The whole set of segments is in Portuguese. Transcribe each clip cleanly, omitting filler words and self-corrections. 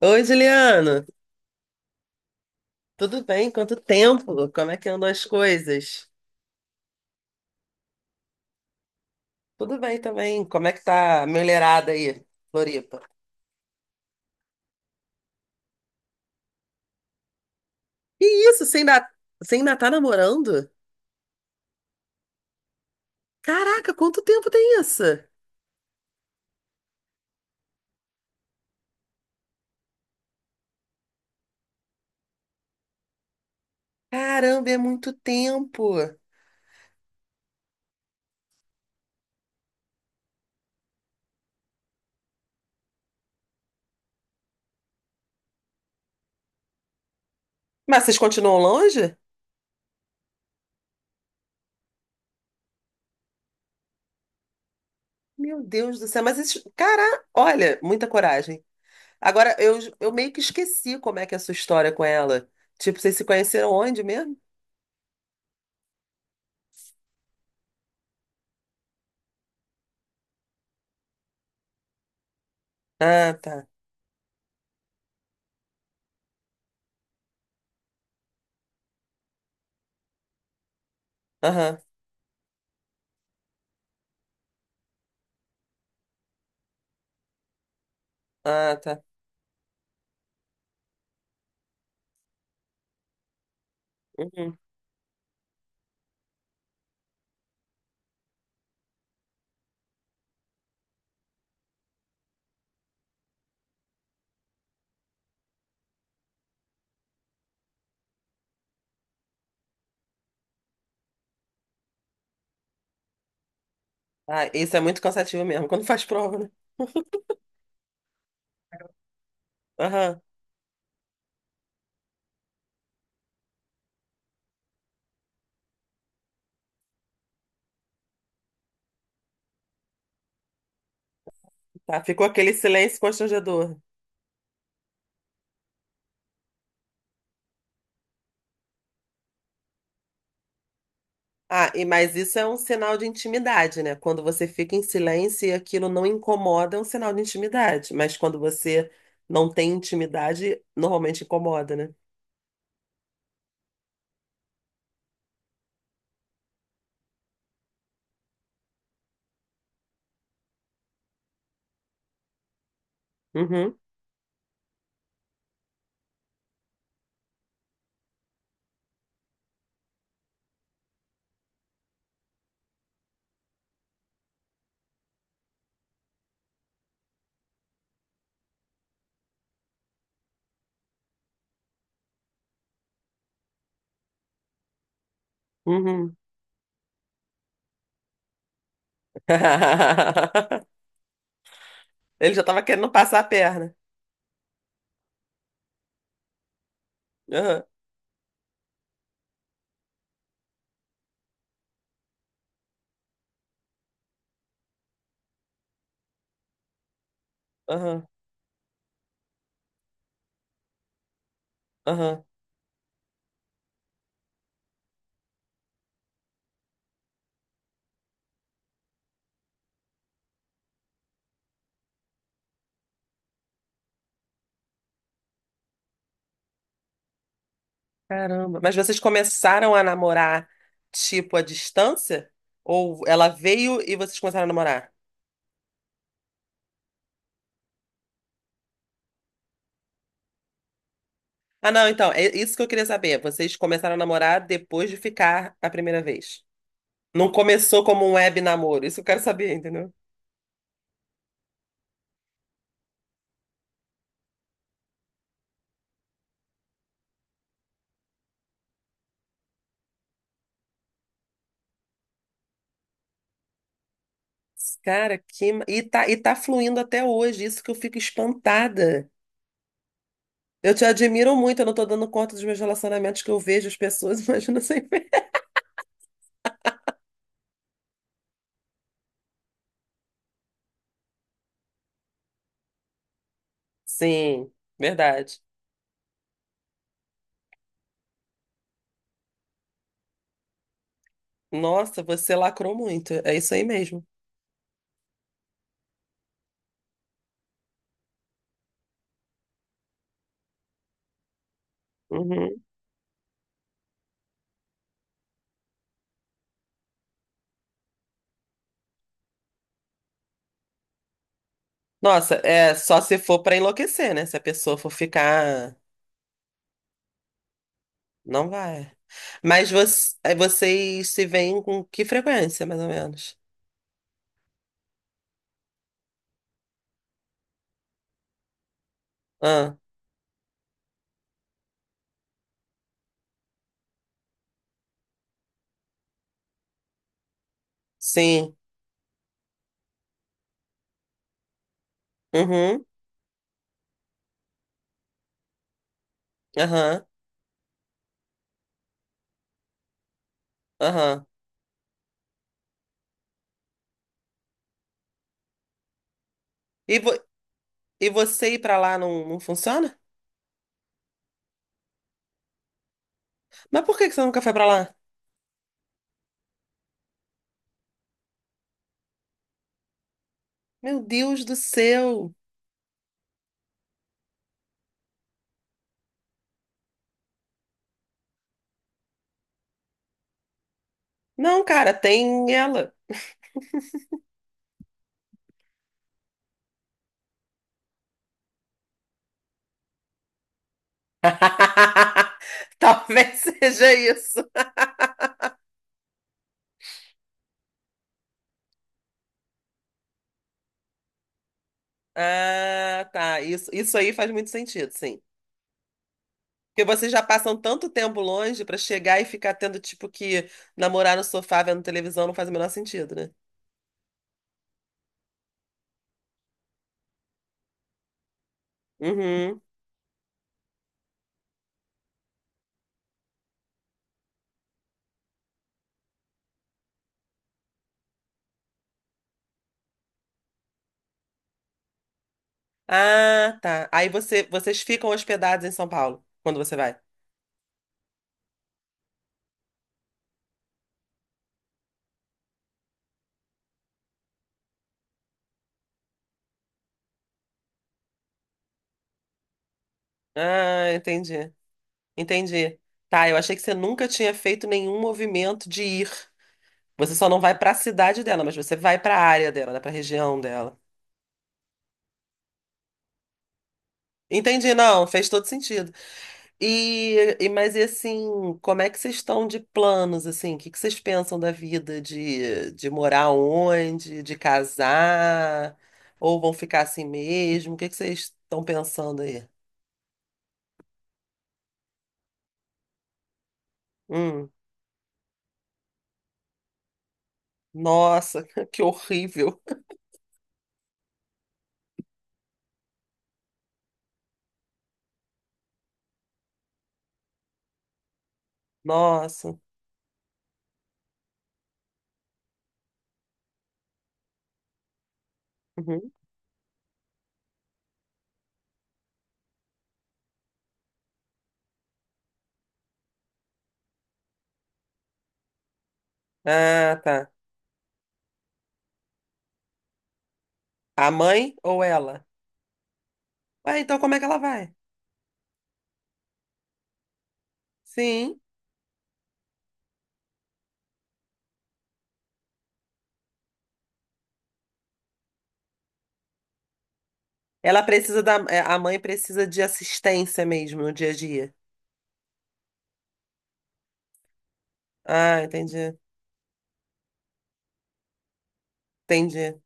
Oi, Juliano, tudo bem? Quanto tempo? Como é que andam as coisas? Tudo bem também. Como é que tá a mulherada aí, Floripa? Que isso? Você ainda tá namorando? Caraca, quanto tempo tem isso? Caramba, é muito tempo. Mas vocês continuam longe? Meu Deus do céu, mas isso, cara, olha, muita coragem. Agora, eu meio que esqueci como é que é a sua história com ela. Tipo, vocês se conheceram onde mesmo? Ah, tá. Aham. Ah, tá. Ah, isso é muito cansativo mesmo, quando faz prova, né? Aham. Tá, ficou aquele silêncio constrangedor. Ah, e mas isso é um sinal de intimidade, né? Quando você fica em silêncio e aquilo não incomoda, é um sinal de intimidade. Mas quando você não tem intimidade, normalmente incomoda, né? Uhum, uhum. Ele já estava querendo passar a perna. Aham, aham, aham. Caramba. Mas vocês começaram a namorar, tipo, à distância? Ou ela veio e vocês começaram a namorar? Ah, não, então, é isso que eu queria saber. Vocês começaram a namorar depois de ficar a primeira vez. Não começou como um web namoro. Isso eu quero saber, entendeu? Cara, que. Ma- e tá fluindo até hoje. Isso que eu fico espantada. Eu te admiro muito. Eu não tô dando conta dos meus relacionamentos que eu vejo as pessoas. Imagina sem ver. Sim, verdade. Nossa, você lacrou muito. É isso aí mesmo. Uhum. Nossa, é só se for pra enlouquecer, né? Se a pessoa for ficar. Não vai. Mas você, aí vocês se veem com que frequência, mais ou menos? Ah, sim. Uhum, aham, aham. E, vo e você ir pra lá não funciona? Mas por que que você nunca foi pra lá? Meu Deus do céu. Não, cara, tem ela. Talvez seja isso. Ah, tá. Isso aí faz muito sentido, sim. Porque vocês já passam tanto tempo longe pra chegar e ficar tendo, tipo, que namorar no sofá vendo televisão não faz o menor sentido, né? Uhum. Ah, tá. Aí você, vocês ficam hospedados em São Paulo quando você vai. Ah, entendi. Entendi. Tá, eu achei que você nunca tinha feito nenhum movimento de ir. Você só não vai pra cidade dela, mas você vai pra área dela, né? Pra região dela. Entendi, não, fez todo sentido. E mas e assim, como é que vocês estão de planos assim? O que que vocês pensam da vida de morar onde, de casar, ou vão ficar assim mesmo? O que que vocês estão pensando aí? Hum, nossa, que horrível. Nossa. Uhum. Ah, tá. A mãe ou ela? Ah, então como é que ela vai? Sim. Ela precisa da, é, a mãe precisa de assistência mesmo no dia a dia. Ah, entendi. Entendi.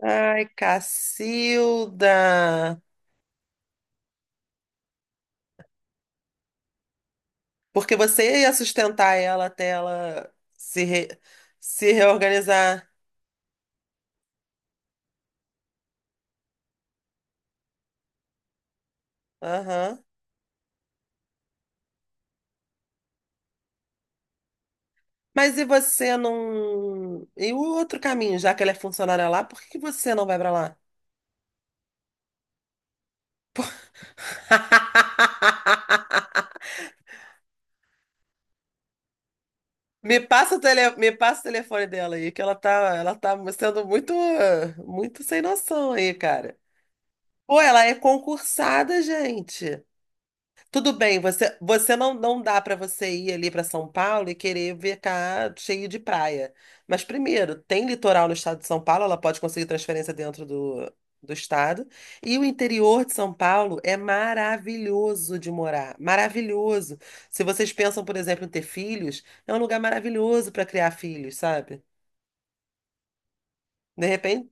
Ai, Cacilda! Porque você ia sustentar ela até ela se, re- se reorganizar. Aham. Mas e você não. E o outro caminho, já que ela é funcionária lá, por que que você não vai pra lá? Me passa o tele... Me passa o telefone dela aí, que ela tá sendo muito, muito sem noção aí, cara. Pô, ela é concursada, gente. Tudo bem, você, você não dá para você ir ali para São Paulo e querer ver cá cheio de praia. Mas primeiro, tem litoral no estado de São Paulo, ela pode conseguir transferência dentro do estado. E o interior de São Paulo é maravilhoso de morar, maravilhoso. Se vocês pensam, por exemplo, em ter filhos, é um lugar maravilhoso para criar filhos, sabe? De repente,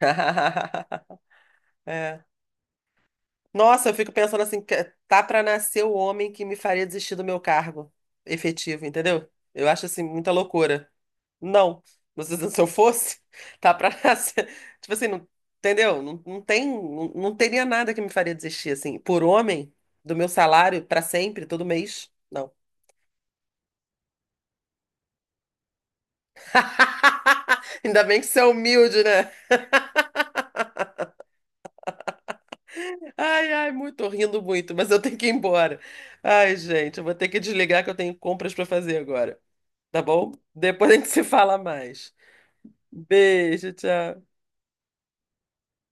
é. Nossa, eu fico pensando assim, que- tá pra nascer o homem que me faria desistir do meu cargo efetivo, entendeu? Eu acho assim muita loucura. Não, mas se eu fosse, tá pra nascer. Tipo assim, não, entendeu? Não, não tem, não teria nada que me faria desistir assim, por homem, do meu salário pra sempre, todo mês. Não. Ainda bem que você é humilde, né? Ai, ai, muito, tô rindo muito, mas eu tenho que ir embora. Ai, gente, eu vou ter que desligar que eu tenho compras pra fazer agora. Tá bom? Depois a gente se fala mais. Beijo, tchau.